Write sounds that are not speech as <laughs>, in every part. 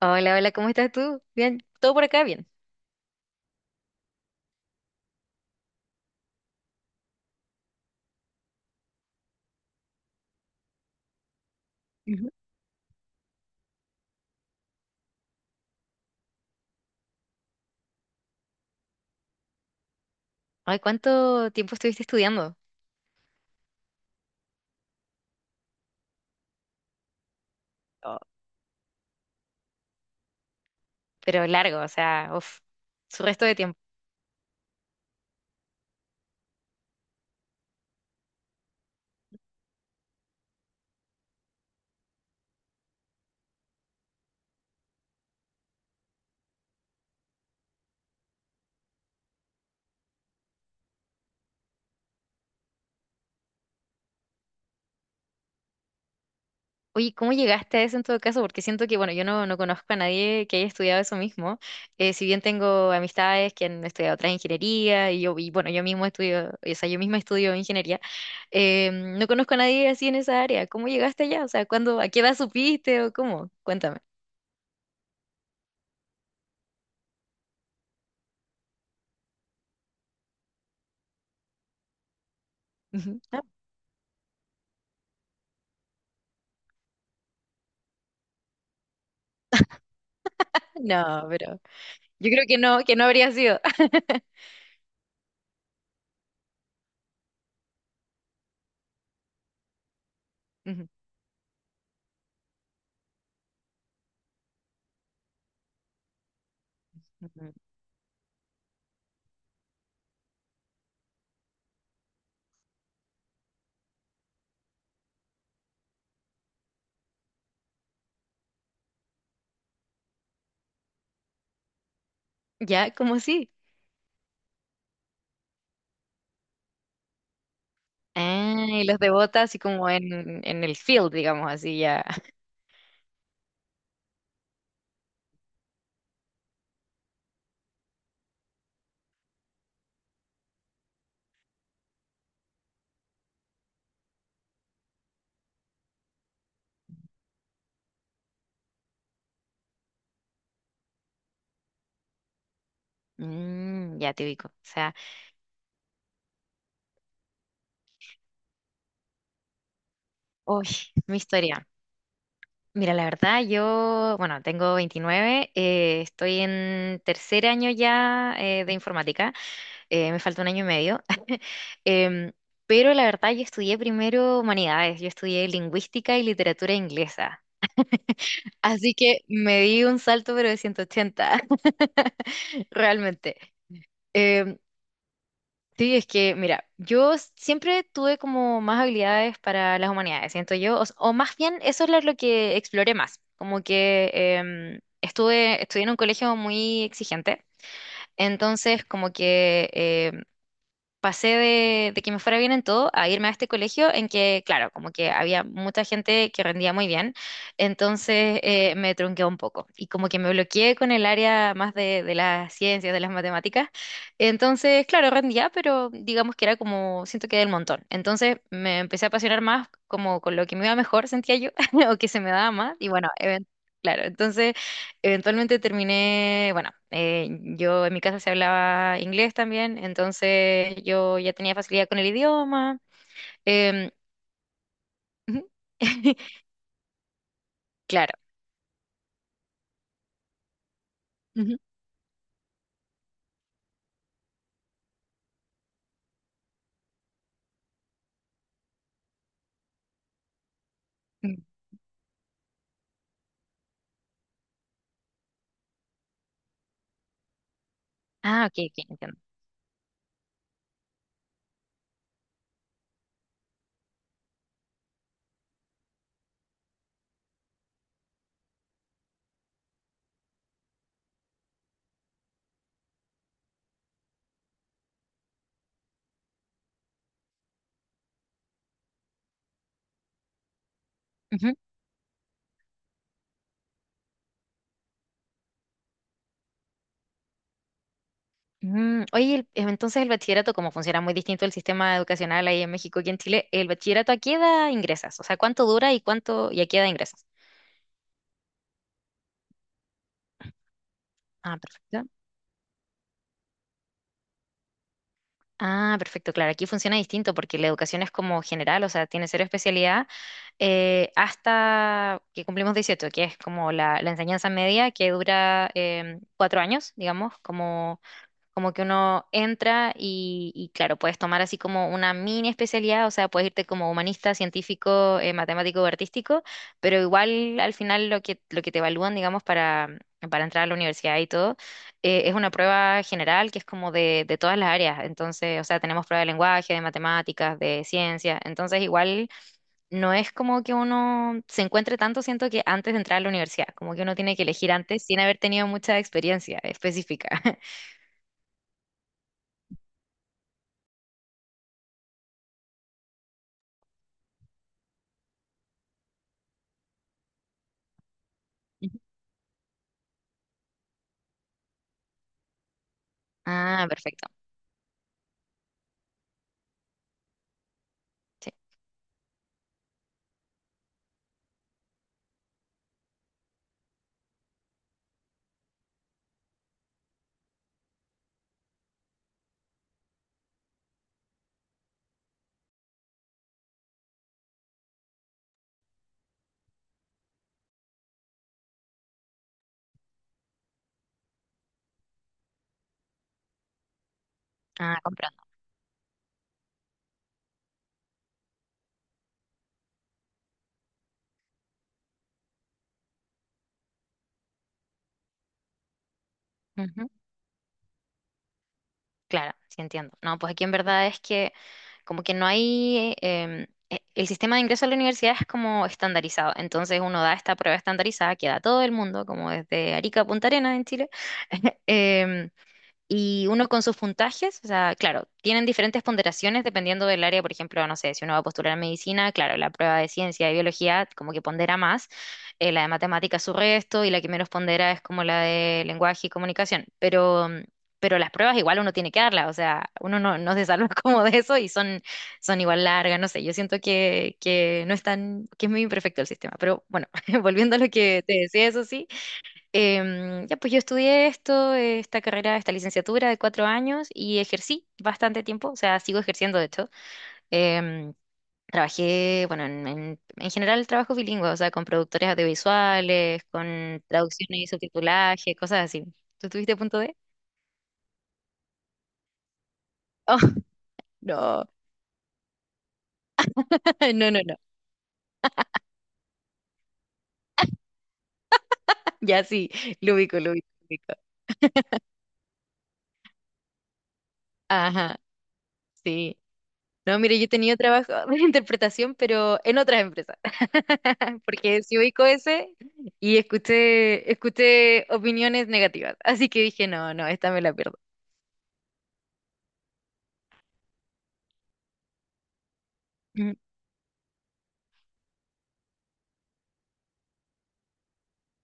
Hola, hola, ¿cómo estás tú? Bien, todo por acá bien. Ujú. Ay, ¿cuánto tiempo estuviste estudiando? Oh, pero largo, o sea, uf, su resto de tiempo. Oye, ¿cómo llegaste a eso en todo caso? Porque siento que, bueno, yo no, no conozco a nadie que haya estudiado eso mismo. Si bien tengo amistades que han estudiado otras ingeniería y yo, y bueno, yo mismo estudio, o sea, yo misma estudio ingeniería, no conozco a nadie así en esa área. ¿Cómo llegaste allá? O sea, ¿cuándo, a qué edad supiste o cómo? Cuéntame. Ujú. <laughs> Ah, no, pero yo creo que no habría sido. <laughs> Ujú. Ujú. Ya, como sí. Ah, y los de bota así como en el field, digamos, así ya. <laughs> Mm, ya te ubico. O sea, uy, mi historia. Mira, la verdad, yo, bueno, tengo 29, estoy en tercer año ya de informática, me falta un año y medio. <laughs> Em, pero la verdad yo estudié primero humanidades, yo estudié lingüística y literatura inglesa, así que me di un salto pero de 180. <laughs> Realmente. Em, Sí, es que, mira, yo siempre tuve como más habilidades para las humanidades, siento yo, o, o más bien eso es lo que exploré más, como que estuve, estudié en un colegio muy exigente, entonces como que pasé de, que me fuera bien en todo a irme a este colegio en que, claro, como que había mucha gente que rendía muy bien, entonces me trunqué un poco y como que me bloqueé con el área más de las ciencias, de las matemáticas, entonces, claro, rendía, pero digamos que era como, siento que del montón, entonces me empecé a apasionar más como con lo que me iba mejor, sentía yo, <laughs> o que se me daba más, y bueno, claro, entonces. Eventualmente terminé, bueno, yo en mi casa se hablaba inglés también, entonces yo ya tenía facilidad con el idioma. em, ujú. <laughs> Claro. Ujú, mm. Ah, ok, ok, entiendo. Ujú, mm, oye, entonces el bachillerato, cómo funciona muy distinto el sistema educacional ahí en México y en Chile. ¿El bachillerato a qué edad ingresas? O sea, ¿cuánto dura y cuánto y a qué edad ingresas? Ah, perfecto. Ah, perfecto, claro, aquí funciona distinto porque la educación es como general, o sea, tiene cero especialidad hasta que cumplimos 18, que es como la, enseñanza media, que dura 4 años, digamos, como, que uno entra y claro, puedes tomar así como una mini especialidad, o sea, puedes irte como humanista, científico, matemático o artístico, pero igual al final lo que, te evalúan, digamos, para entrar a la universidad y todo, es una prueba general que es como de todas las áreas, entonces, o sea, tenemos prueba de lenguaje, de matemáticas, de ciencia, entonces igual no es como que uno se encuentre tanto, siento que antes de entrar a la universidad, como que uno tiene que elegir antes sin haber tenido mucha experiencia específica. <laughs> Ujú. Ah, perfecto. Sí. Ah, comprendo. Ujú. Claro, sí entiendo. No, pues aquí en verdad es que como que no hay. El sistema de ingreso a la universidad es como estandarizado. Entonces uno da esta prueba estandarizada que da todo el mundo, como desde Arica a Punta Arenas en Chile. <laughs> Em, y uno con sus puntajes, o sea, claro, tienen diferentes ponderaciones dependiendo del área, por ejemplo, no sé, si uno va a postular a medicina, claro, la prueba de ciencia y biología como que pondera más, la de matemáticas su resto y la que menos pondera es como la de lenguaje y comunicación, pero, mm, pero las pruebas igual uno tiene que darlas, o sea, uno no, no se salva <laughs> como de eso y son, igual largas, no sé, yo siento que no es tan, que es muy imperfecto el sistema, pero bueno, <laughs> volviendo a lo que te decía, eso sí. Ya, pues yo estudié esto, esta carrera, esta licenciatura de 4 años y ejercí bastante tiempo, o sea, sigo ejerciendo de hecho. Em, trabajé, bueno, en general trabajo bilingüe, o sea, con productores audiovisuales, con traducciones y subtitulaje, cosas así. ¿Tú tuviste punto D? Oh, no. <laughs> No, no, no. <laughs> Ya sí, lo ubico, lo ubico, lo ubico. Ajá, sí. No, mire, yo he tenido trabajo <laughs> de interpretación, pero en otras empresas, <laughs> porque sí ubico ese y escuché opiniones negativas, así que dije, no, no, esta me la pierdo. Mm.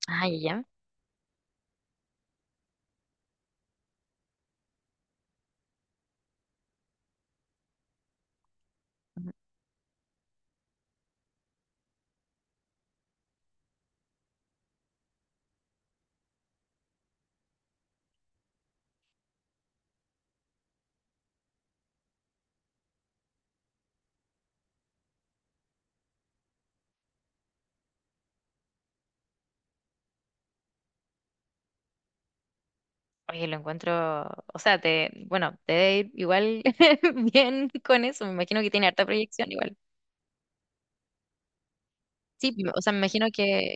Ay, ya. Ya. Ujú. Oye, lo encuentro, o sea, te, bueno, te debe ir igual <laughs> bien con eso, me imagino que tiene harta proyección igual. Sí, o sea, me imagino que,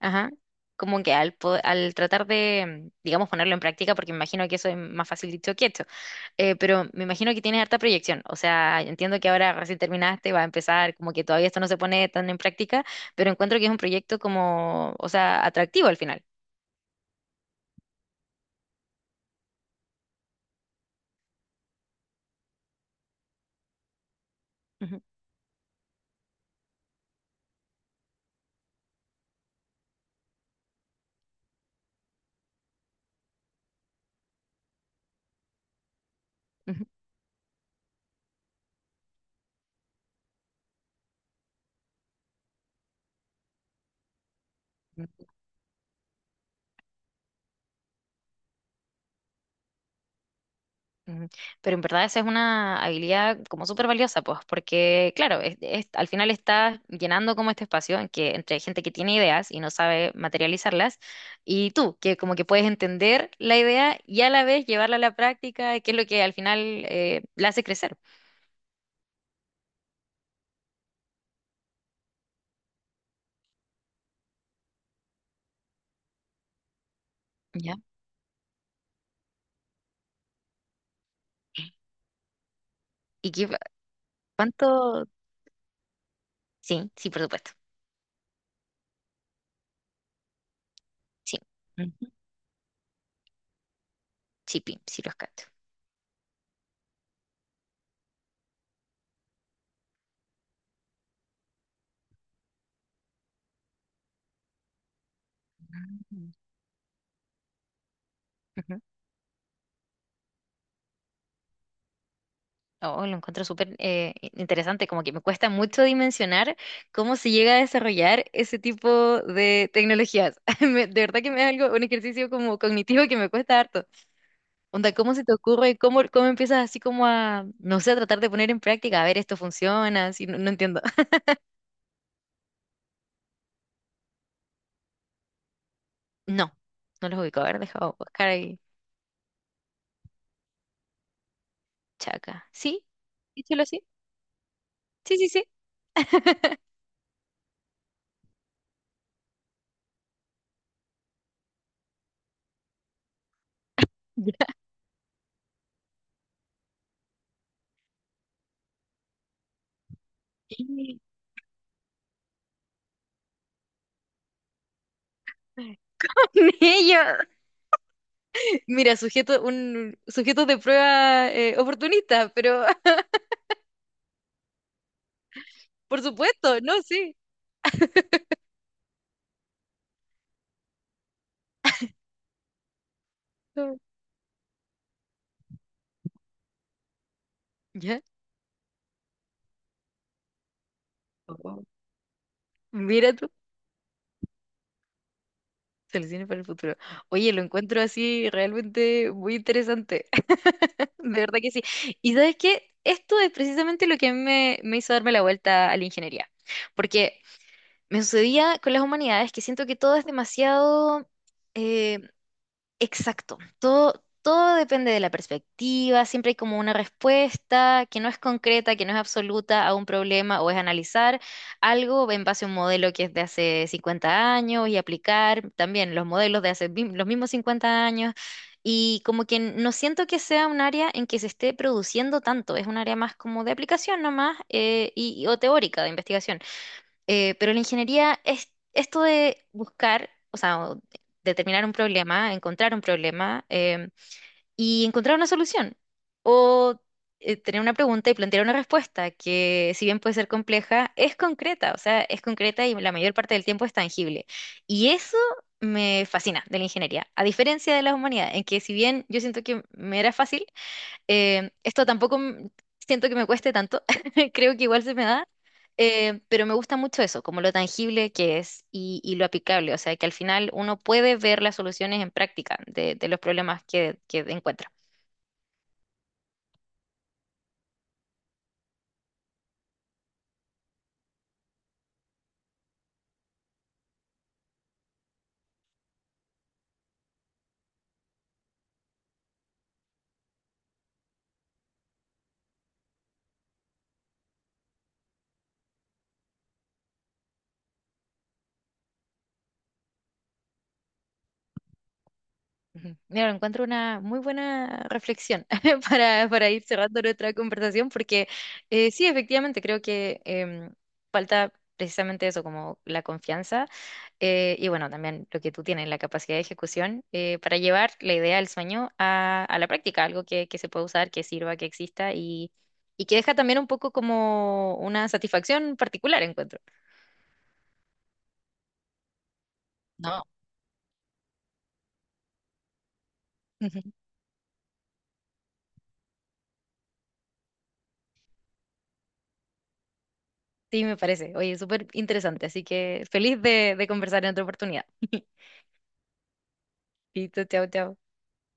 ajá, como que al, al tratar de, digamos, ponerlo en práctica, porque me imagino que eso es más fácil dicho que hecho. Pero me imagino que tienes harta proyección. O sea, entiendo que ahora recién terminaste, va a empezar, como que todavía esto no se pone tan en práctica, pero encuentro que es un proyecto como, o sea, atractivo al final. Ujú, ujú, ujú, ujú. Pero en verdad esa es una habilidad como súper valiosa, pues, porque claro, al final estás llenando como este espacio en que, entre gente que tiene ideas y no sabe materializarlas, y tú, que como que puedes entender la idea y a la vez llevarla a la práctica, que es lo que al final la hace crecer. ¿Ya? ¿Y qué, ¿cuánto? Sí, sí, por supuesto. Sí. Ujú. Sí, sí los cacho. Mm. Ujú. Oh, lo encuentro súper interesante, como que me cuesta mucho dimensionar cómo se llega a desarrollar ese tipo de tecnologías. <laughs> De verdad que me es algo, un ejercicio como cognitivo que me cuesta harto. Onda, ¿cómo se te ocurre? cómo empiezas así como a, no sé, a tratar de poner en práctica? A ver, esto funciona, así, no, no entiendo. <laughs> No, no los ubico. A ver, deja buscar ahí. Chaca. ¿Sí? ¿Díselo así? Sí, sí, sí. <laughs> Ya. <laughs> Ella, mira, sujeto, un sujeto de prueba oportunista, pero <laughs> por supuesto, no, sí. No, ya. Oh, mira tú, soluciones para el futuro. Oye, lo encuentro así realmente muy interesante. <laughs> De verdad que sí. Y sabes qué, esto es precisamente lo que a mí me hizo darme la vuelta a la ingeniería. Porque me sucedía con las humanidades que siento que todo es demasiado, eh, exacto. Todo, todo depende de la perspectiva. Siempre hay como una respuesta que no es concreta, que no es absoluta a un problema o es analizar algo en base a un modelo que es de hace 50 años y aplicar también los modelos de hace los mismos 50 años. Y como que no siento que sea un área en que se esté produciendo tanto. Es un área más como de aplicación nomás y, o teórica de investigación. Pero la ingeniería es esto de buscar, o sea, o determinar un problema, encontrar un problema y encontrar una solución. O tener una pregunta y plantear una respuesta que, si bien puede ser compleja, es concreta, o sea, es concreta y la mayor parte del tiempo es tangible. Y eso me fascina de la ingeniería, a diferencia de la humanidad, en que si bien yo siento que me era fácil, esto tampoco siento que me cueste tanto, <laughs> creo que igual se me da, pero me gusta mucho eso, como lo tangible que es y, lo aplicable, o sea, que al final uno puede ver las soluciones en práctica de, los problemas que encuentra. Ujú. Mira, encuentro una muy buena reflexión <laughs> para ir cerrando nuestra conversación, porque sí, efectivamente, creo que falta precisamente eso, como la confianza. Y bueno, también lo que tú tienes, la capacidad de ejecución para llevar la idea del sueño a, la práctica, algo que se pueda usar, que sirva, que exista y que deja también un poco como una satisfacción particular, encuentro. No. Ujú. Sí, me parece. Oye, súper interesante, así que feliz de, conversar en otra oportunidad. <laughs> Listo, chao, chao.